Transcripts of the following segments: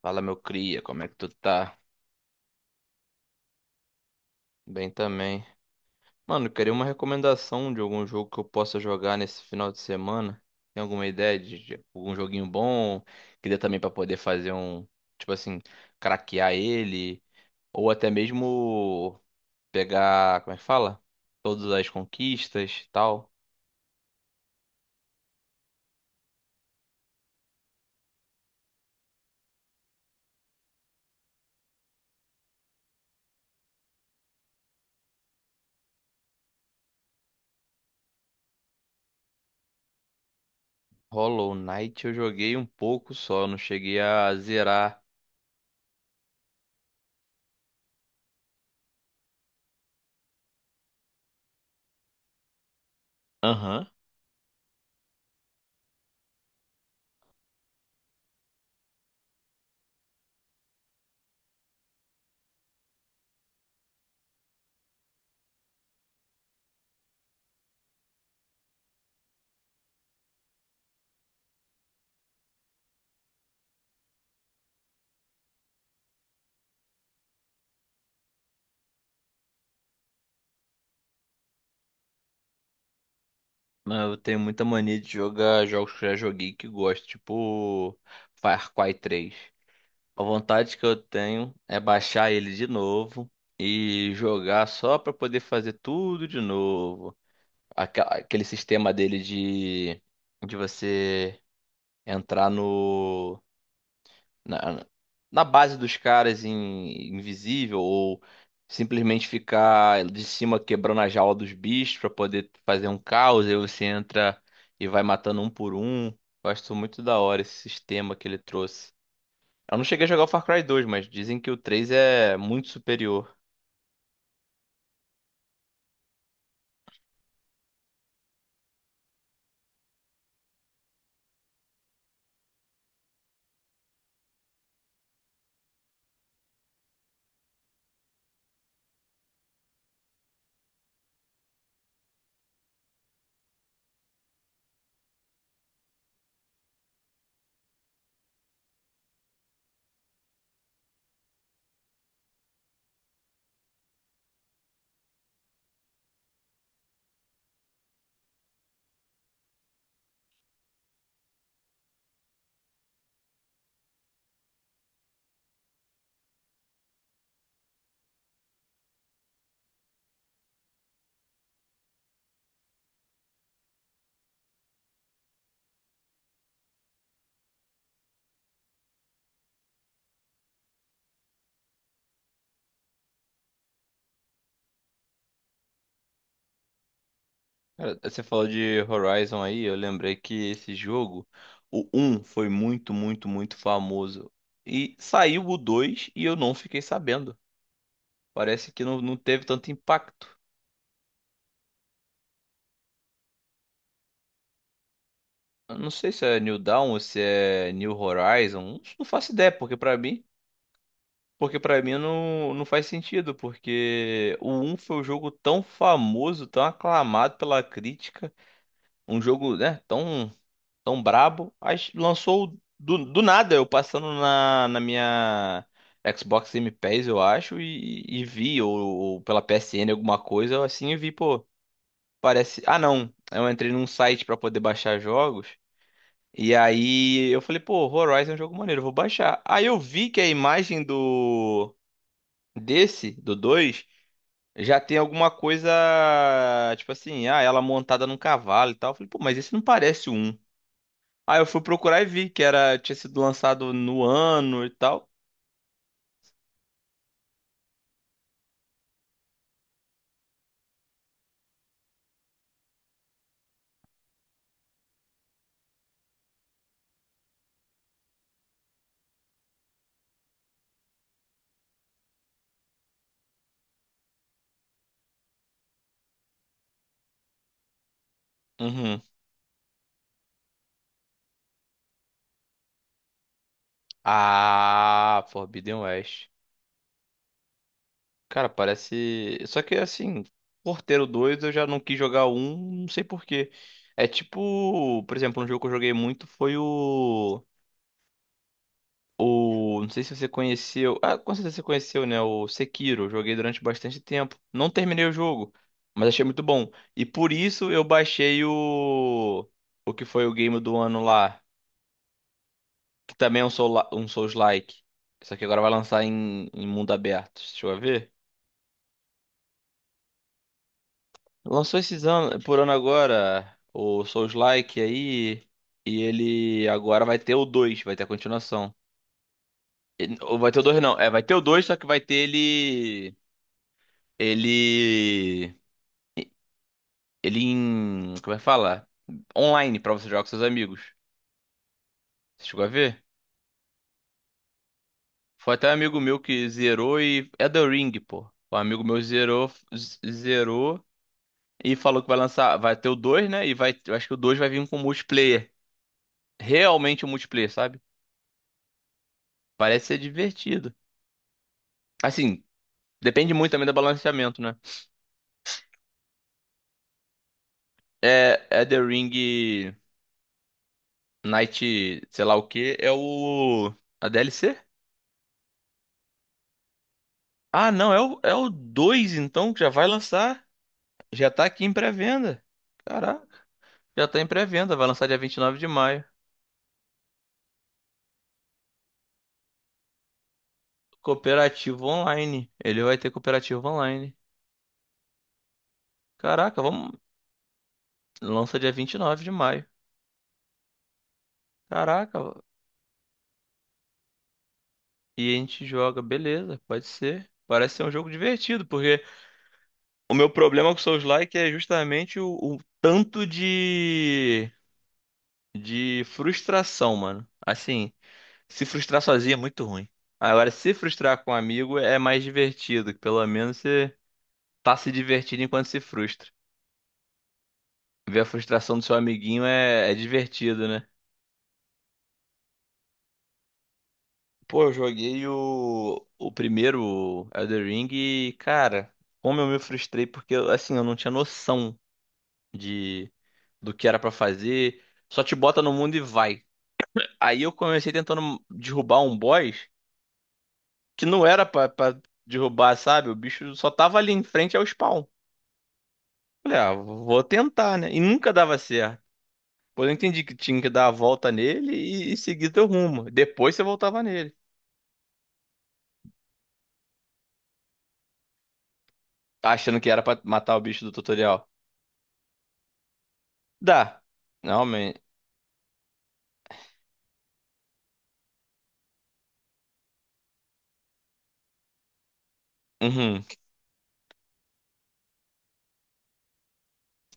Fala, meu cria, como é que tu tá? Bem também. Mano, eu queria uma recomendação de algum jogo que eu possa jogar nesse final de semana. Tem alguma ideia de algum joguinho bom que dê também pra poder fazer um, tipo assim, craquear ele ou até mesmo pegar, como é que fala? Todas as conquistas, e tal. Hollow Knight eu joguei um pouco só, não cheguei a zerar. Aham. Não, eu tenho muita mania de jogar jogos que eu já joguei e que gosto, tipo Far Cry 3. A vontade que eu tenho é baixar ele de novo e jogar só pra poder fazer tudo de novo. Aquele sistema dele de você entrar no na, na base dos caras em invisível ou simplesmente ficar de cima quebrando a jaula dos bichos pra poder fazer um caos, aí você entra e vai matando um por um. Gosto muito da hora esse sistema que ele trouxe. Eu não cheguei a jogar o Far Cry dois, mas dizem que o 3 é muito superior. Cara, você falou de Horizon aí, eu lembrei que esse jogo, o um foi muito, muito, muito famoso. E saiu o 2 e eu não fiquei sabendo. Parece que não teve tanto impacto. Eu não sei se é New Dawn ou se é New Horizon. Não faço ideia, porque para mim não faz sentido, porque o um foi um jogo tão famoso, tão aclamado pela crítica, um jogo, né, tão brabo, aí lançou do nada, eu passando na minha Xbox Game Pass, eu acho, e vi ou pela PSN alguma coisa, assim, e vi, pô, parece, ah, não, eu entrei num site pra poder baixar jogos. E aí eu falei, pô, Horizon é um jogo maneiro, eu vou baixar. Aí eu vi que a imagem do 2 já tem alguma coisa, tipo assim, ah, ela montada num cavalo e tal. Eu falei, pô, mas esse não parece o um. Aí eu fui procurar e vi que era tinha sido lançado no ano e tal. Uhum. Ah, Forbidden West. Cara, parece, só que assim, Porteiro 2 eu já não quis jogar o um, não sei por quê. É tipo, por exemplo, um jogo que eu joguei muito foi o, não sei se você conheceu. Ah, com certeza você conheceu, né? O Sekiro. Joguei durante bastante tempo. Não terminei o jogo, mas achei muito bom. E por isso eu baixei o. O que foi o game do ano lá. Que também é um Souls-like. Só que agora vai lançar em mundo aberto. Deixa eu ver. Lançou esses anos, por ano agora o Souls-like aí. E ele agora vai ter o dois, vai ter a continuação. Ou vai ter o dois, não. É, vai ter o dois, só que vai ter ele. Ele. Ele em. Como é que fala? Online pra você jogar com seus amigos. Você chegou a ver? Foi até um amigo meu que zerou e. É The Ring, pô. Um amigo meu zerou, zerou e falou que vai lançar. Vai ter o 2, né? E vai. Eu acho que o 2 vai vir com multiplayer. Realmente um multiplayer, sabe? Parece ser divertido. Assim, depende muito também do balanceamento, né? É, The Ring Night, sei lá o que, é o. A DLC? Ah, não, é o 2 então, que já vai lançar. Já tá aqui em pré-venda. Caraca, já tá em pré-venda, vai lançar dia 29 de maio. Cooperativo online. Ele vai ter cooperativo online. Caraca, vamos. Lança dia 29 de maio. Caraca, e a gente joga, beleza, pode ser. Parece ser um jogo divertido, porque o meu problema com Souls-like é justamente o tanto de frustração, mano. Assim, se frustrar sozinho é muito ruim. Agora, se frustrar com um amigo é mais divertido, que pelo menos você tá se divertindo enquanto se frustra. Ver a frustração do seu amiguinho é divertido, né? Pô, eu joguei o primeiro Elden Ring e, cara, como eu me frustrei, porque, assim, eu não tinha noção de do que era pra fazer. Só te bota no mundo e vai. Aí eu comecei tentando derrubar um boss que não era pra derrubar, sabe? O bicho só tava ali em frente ao spawn. Falei, ah, vou tentar, né? E nunca dava certo. Pois eu entendi que tinha que dar a volta nele e seguir teu rumo. Depois você voltava nele. Achando que era pra matar o bicho do tutorial. Dá. Não, man. Uhum.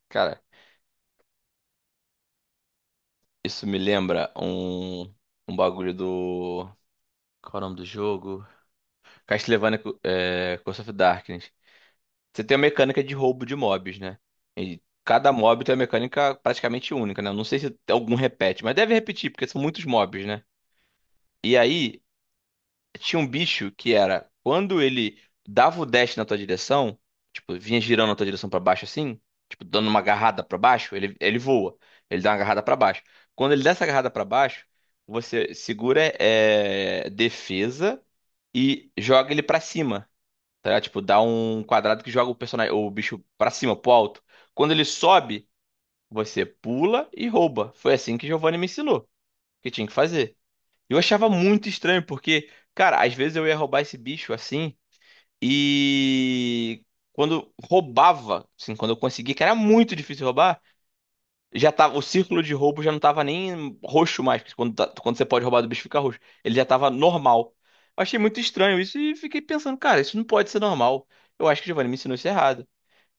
Cara, isso me lembra um bagulho do. Qual é o nome do jogo? Castlevania é, Curse of Darkness. Você tem a mecânica de roubo de mobs, né? E cada mob tem uma mecânica praticamente única, né? Eu não sei se algum repete, mas deve repetir, porque são muitos mobs, né? E aí, tinha um bicho que era quando ele dava o dash na tua direção, tipo, vinha girando na tua direção pra baixo assim, tipo, dando uma agarrada pra baixo, ele voa. Ele dá uma agarrada pra baixo. Quando ele dá essa agarrada pra baixo, você segura defesa e joga ele pra cima, tá? Ligado? Tipo, dá um quadrado que joga o personagem, o bicho pra cima, pro alto. Quando ele sobe, você pula e rouba. Foi assim que Giovanni me ensinou que tinha que fazer. Eu achava muito estranho, porque, cara, às vezes eu ia roubar esse bicho assim, e quando roubava, assim, quando eu conseguia, que era muito difícil roubar, já tava, o círculo de roubo já não tava nem roxo mais, porque quando, quando você pode roubar do bicho fica roxo. Ele já tava normal. Eu achei muito estranho isso e fiquei pensando, cara, isso não pode ser normal. Eu acho que o Giovanni me ensinou isso errado.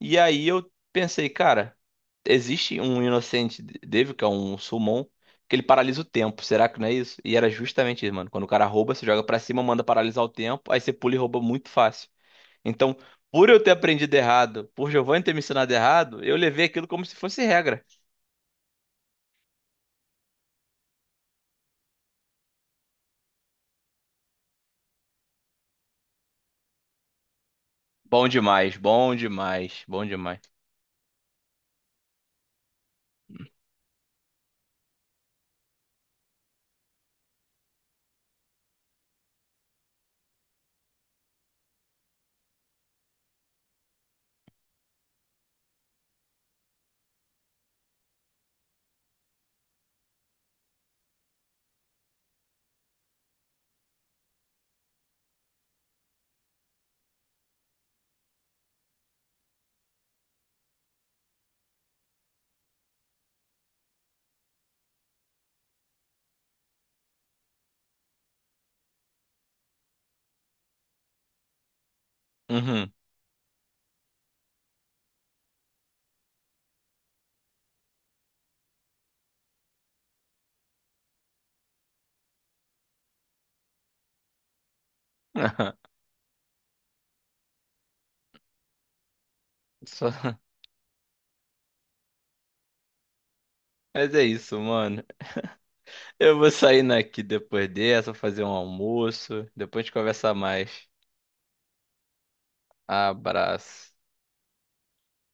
E aí eu pensei, cara, existe um Inocente Devil, que é um summon, que ele paralisa o tempo. Será que não é isso? E era justamente isso, mano. Quando o cara rouba, você joga pra cima, manda paralisar o tempo, aí você pula e rouba muito fácil. Então, por eu ter aprendido errado, por Giovanni ter me ensinado errado, eu levei aquilo como se fosse regra. Bom demais, bom demais, bom demais. Uhum. Só- Mas é isso, mano. Eu vou saindo aqui depois dessa, vou fazer um almoço, depois a gente conversa mais. Abraço.